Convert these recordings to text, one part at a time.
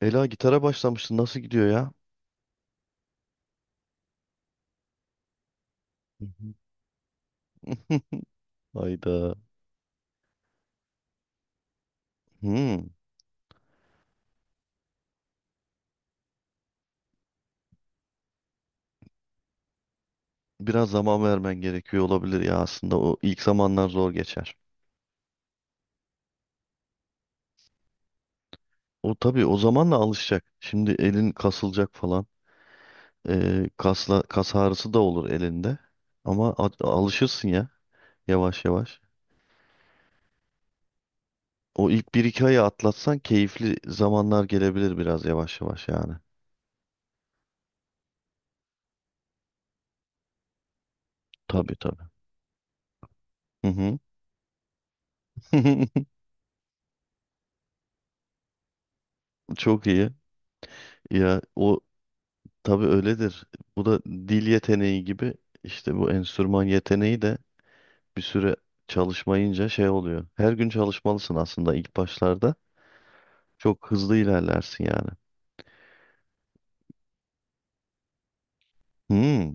Ela gitara başlamıştı. Nasıl gidiyor ya? Hı hı. Hayda. Hmm. Biraz zaman vermen gerekiyor olabilir ya aslında. O ilk zamanlar zor geçer. O tabii o zamanla alışacak. Şimdi elin kasılacak falan. Kasla, kas ağrısı da olur elinde. Ama alışırsın ya yavaş yavaş. O ilk bir iki ayı atlatsan keyifli zamanlar gelebilir biraz yavaş yavaş yani. Tabii tabii. Hı hı. Çok iyi. Ya o tabii öyledir. Bu da dil yeteneği gibi işte bu enstrüman yeteneği de bir süre çalışmayınca şey oluyor. Her gün çalışmalısın aslında ilk başlarda. Çok hızlı ilerlersin yani. Hmm.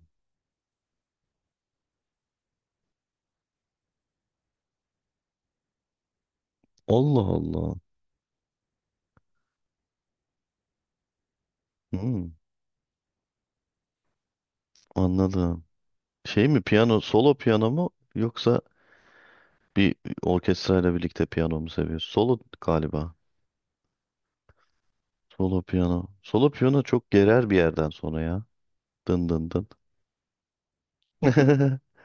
Allah Allah. Hmm, anladım. Şey mi piyano, solo piyano mu yoksa bir orkestrayla birlikte piyano mu seviyorsun? Solo galiba. Solo piyano. Solo piyano çok gerer bir yerden sonra ya. Dın dın dın.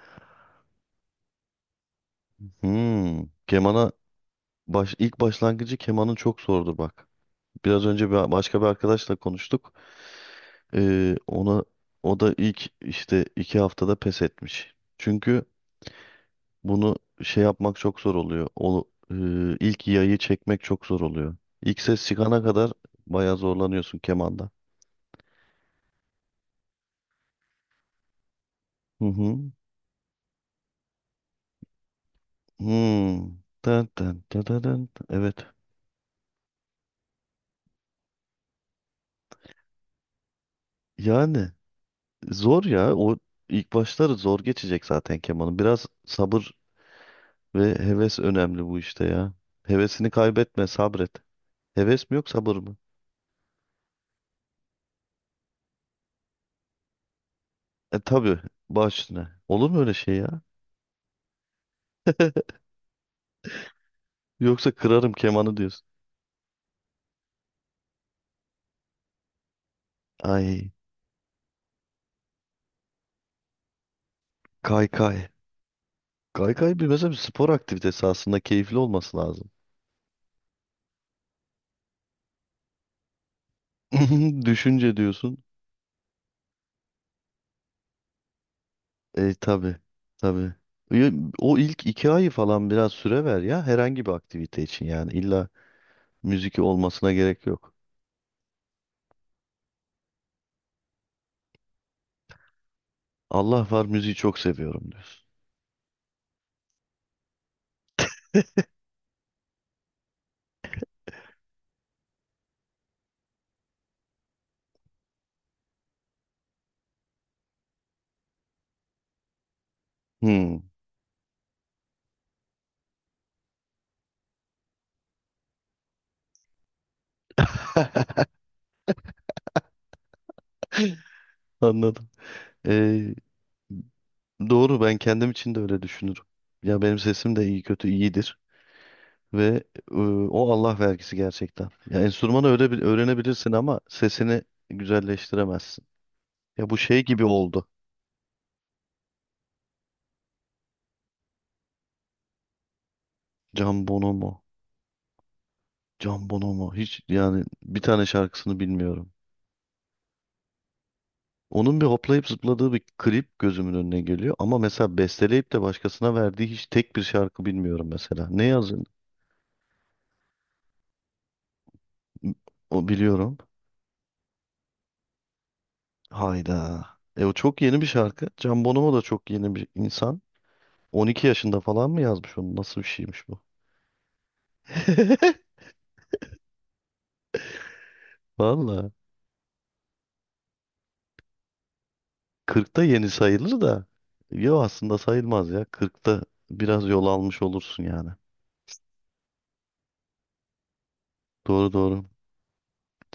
Hmm, kemana baş, ilk başlangıcı kemanın çok zordur bak. Biraz önce bir, başka bir arkadaşla konuştuk. Ona o da ilk işte iki haftada pes etmiş. Çünkü bunu şey yapmak çok zor oluyor. O e, ilk yayı çekmek çok zor oluyor. İlk ses çıkana kadar bayağı zorlanıyorsun kemanda. Hı hı. Hmm. Dın dın dın dın dın. Evet. Yani zor ya. O ilk başları zor geçecek zaten kemanın. Biraz sabır ve heves önemli bu işte ya. Hevesini kaybetme, sabret. Heves mi yok sabır mı? E tabii, baş üstüne. Olur mu öyle şey ya? Yoksa kırarım kemanı diyorsun. Ay, kaykay. Kaykay bir mesela bir spor aktivitesi aslında keyifli olması lazım. Düşünce diyorsun. E tabii, tabii. Ya, o ilk iki ayı falan biraz süre ver ya herhangi bir aktivite için yani illa müzik olmasına gerek yok. Allah var müziği çok seviyorum diyorsun. Hmm. Anladım. Ee, doğru, ben kendim için de öyle düşünürüm. Ya benim sesim de iyi kötü iyidir ve e, o Allah vergisi gerçekten. Ya enstrümanı öyle bir öğrenebilirsin ama sesini güzelleştiremezsin. Ya bu şey gibi oldu. Can Bonomo. Can Bonomo. Hiç yani bir tane şarkısını bilmiyorum. Onun bir hoplayıp zıpladığı bir klip gözümün önüne geliyor ama mesela besteleyip de başkasına verdiği hiç tek bir şarkı bilmiyorum mesela. Ne yazın o biliyorum. Hayda. E o çok yeni bir şarkı. Can Bonomo da çok yeni bir insan. 12 yaşında falan mı yazmış onu? Nasıl bir şeymiş bu? Valla. 40'ta yeni sayılır da. Yo aslında sayılmaz ya. 40'ta biraz yol almış olursun yani. Doğru doğru.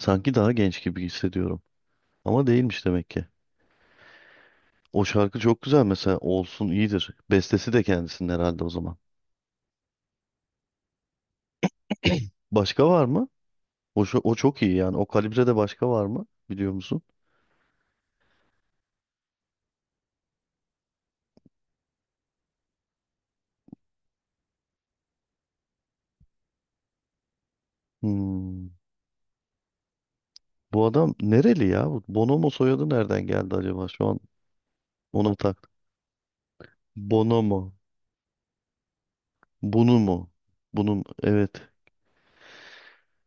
Sanki daha genç gibi hissediyorum. Ama değilmiş demek ki. O şarkı çok güzel mesela. Olsun iyidir. Bestesi de kendisinin herhalde o zaman. Başka var mı? O, o çok iyi yani. O kalibrede başka var mı? Biliyor musun? Hmm. Bu adam nereli ya? Bu Bonomo soyadı nereden geldi acaba? Şu an ona mı tak. Bonomo. Bunu mu? Bunun evet.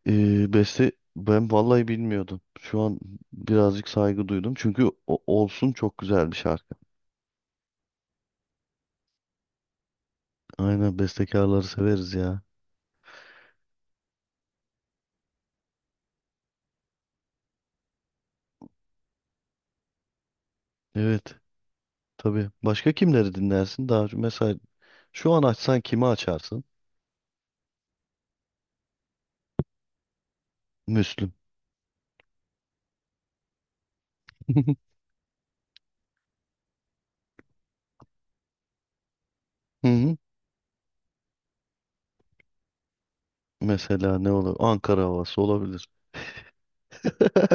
Beste ben vallahi bilmiyordum. Şu an birazcık saygı duydum. Çünkü olsun çok güzel bir şarkı. Aynen bestekarları severiz ya. Evet. Tabii. Başka kimleri dinlersin? Daha mesela şu an açsan kimi açarsın? Müslüm. Hı hı. Mesela ne olur? Ankara havası olabilir.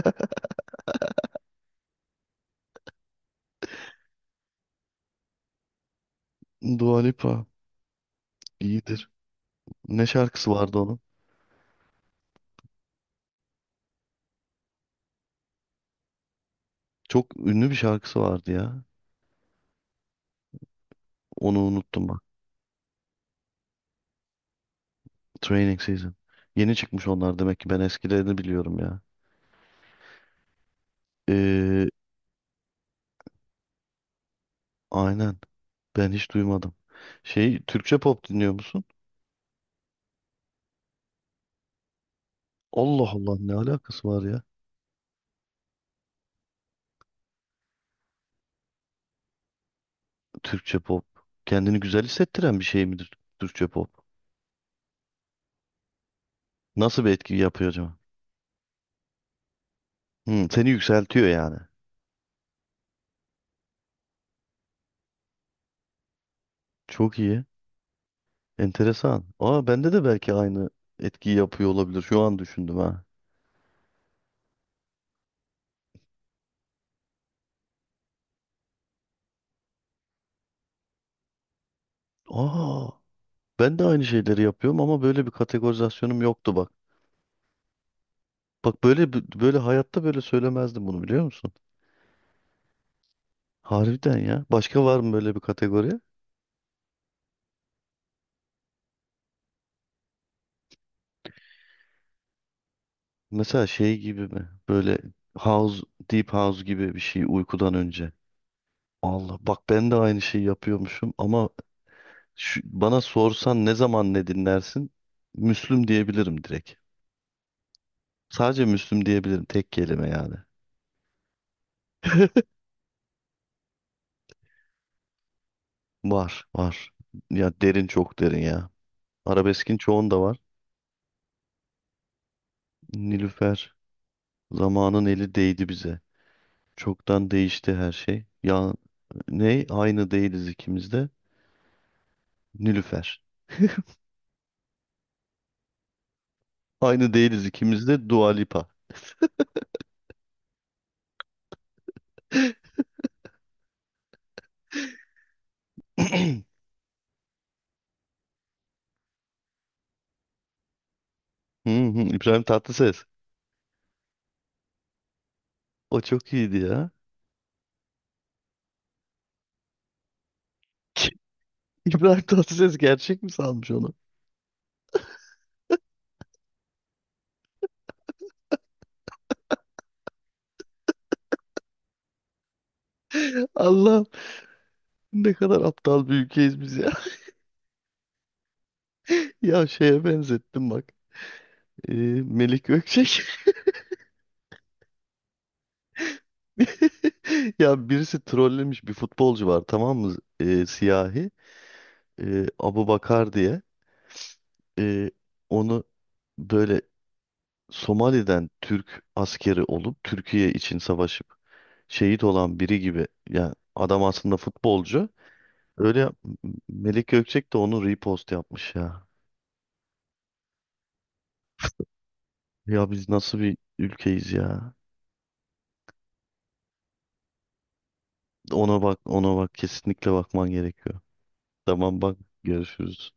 Dua Lipa iyidir. Ne şarkısı vardı? Çok ünlü bir şarkısı vardı ya. Onu unuttum bak. Training Season. Yeni çıkmış onlar demek ki ben eskilerini biliyorum ya. Ee, aynen. Ben hiç duymadım. Şey, Türkçe pop dinliyor musun? Allah Allah, ne alakası var ya? Türkçe pop. Kendini güzel hissettiren bir şey midir Türkçe pop? Nasıl bir etki yapıyor acaba? Hmm, seni yükseltiyor yani. Çok iyi. Enteresan. Aa, bende de belki aynı etkiyi yapıyor olabilir. Şu an düşündüm ha. Aa, ben de aynı şeyleri yapıyorum ama böyle bir kategorizasyonum yoktu bak. Bak böyle böyle hayatta böyle söylemezdim bunu, biliyor musun? Harbiden ya. Başka var mı böyle bir kategori? Mesela şey gibi mi? Böyle house, deep house gibi bir şey uykudan önce. Allah bak ben de aynı şeyi yapıyormuşum ama bana sorsan ne zaman ne dinlersin? Müslüm diyebilirim direkt. Sadece Müslüm diyebilirim tek kelime yani. Var var. Ya derin, çok derin ya. Arabeskin çoğunda var. Nilüfer. Zamanın eli değdi bize. Çoktan değişti her şey. Ya ne? Aynı değiliz ikimiz de. Nilüfer. Aynı değiliz ikimiz de Dua Lipa. Hı hı, İbrahim Tatlıses. O çok iyiydi ya. İbrahim Tatlıses gerçek mi sanmış onu? Allah, ne kadar aptal bir ülkeyiz biz ya. Ya şeye benzettim bak. Ee, Melik Gökçek. Ya birisi trollemiş, bir futbolcu var tamam mı? Siyahi. Abu Bakar diye. e, Onu böyle Somali'den Türk askeri olup Türkiye için savaşıp şehit olan biri gibi, yani adam aslında futbolcu. Öyle yap- Melik Gökçek de onu repost yapmış ya. Ya biz nasıl bir ülkeyiz ya. Ona bak, ona bak, kesinlikle bakman gerekiyor. Tamam bak, görüşürüz.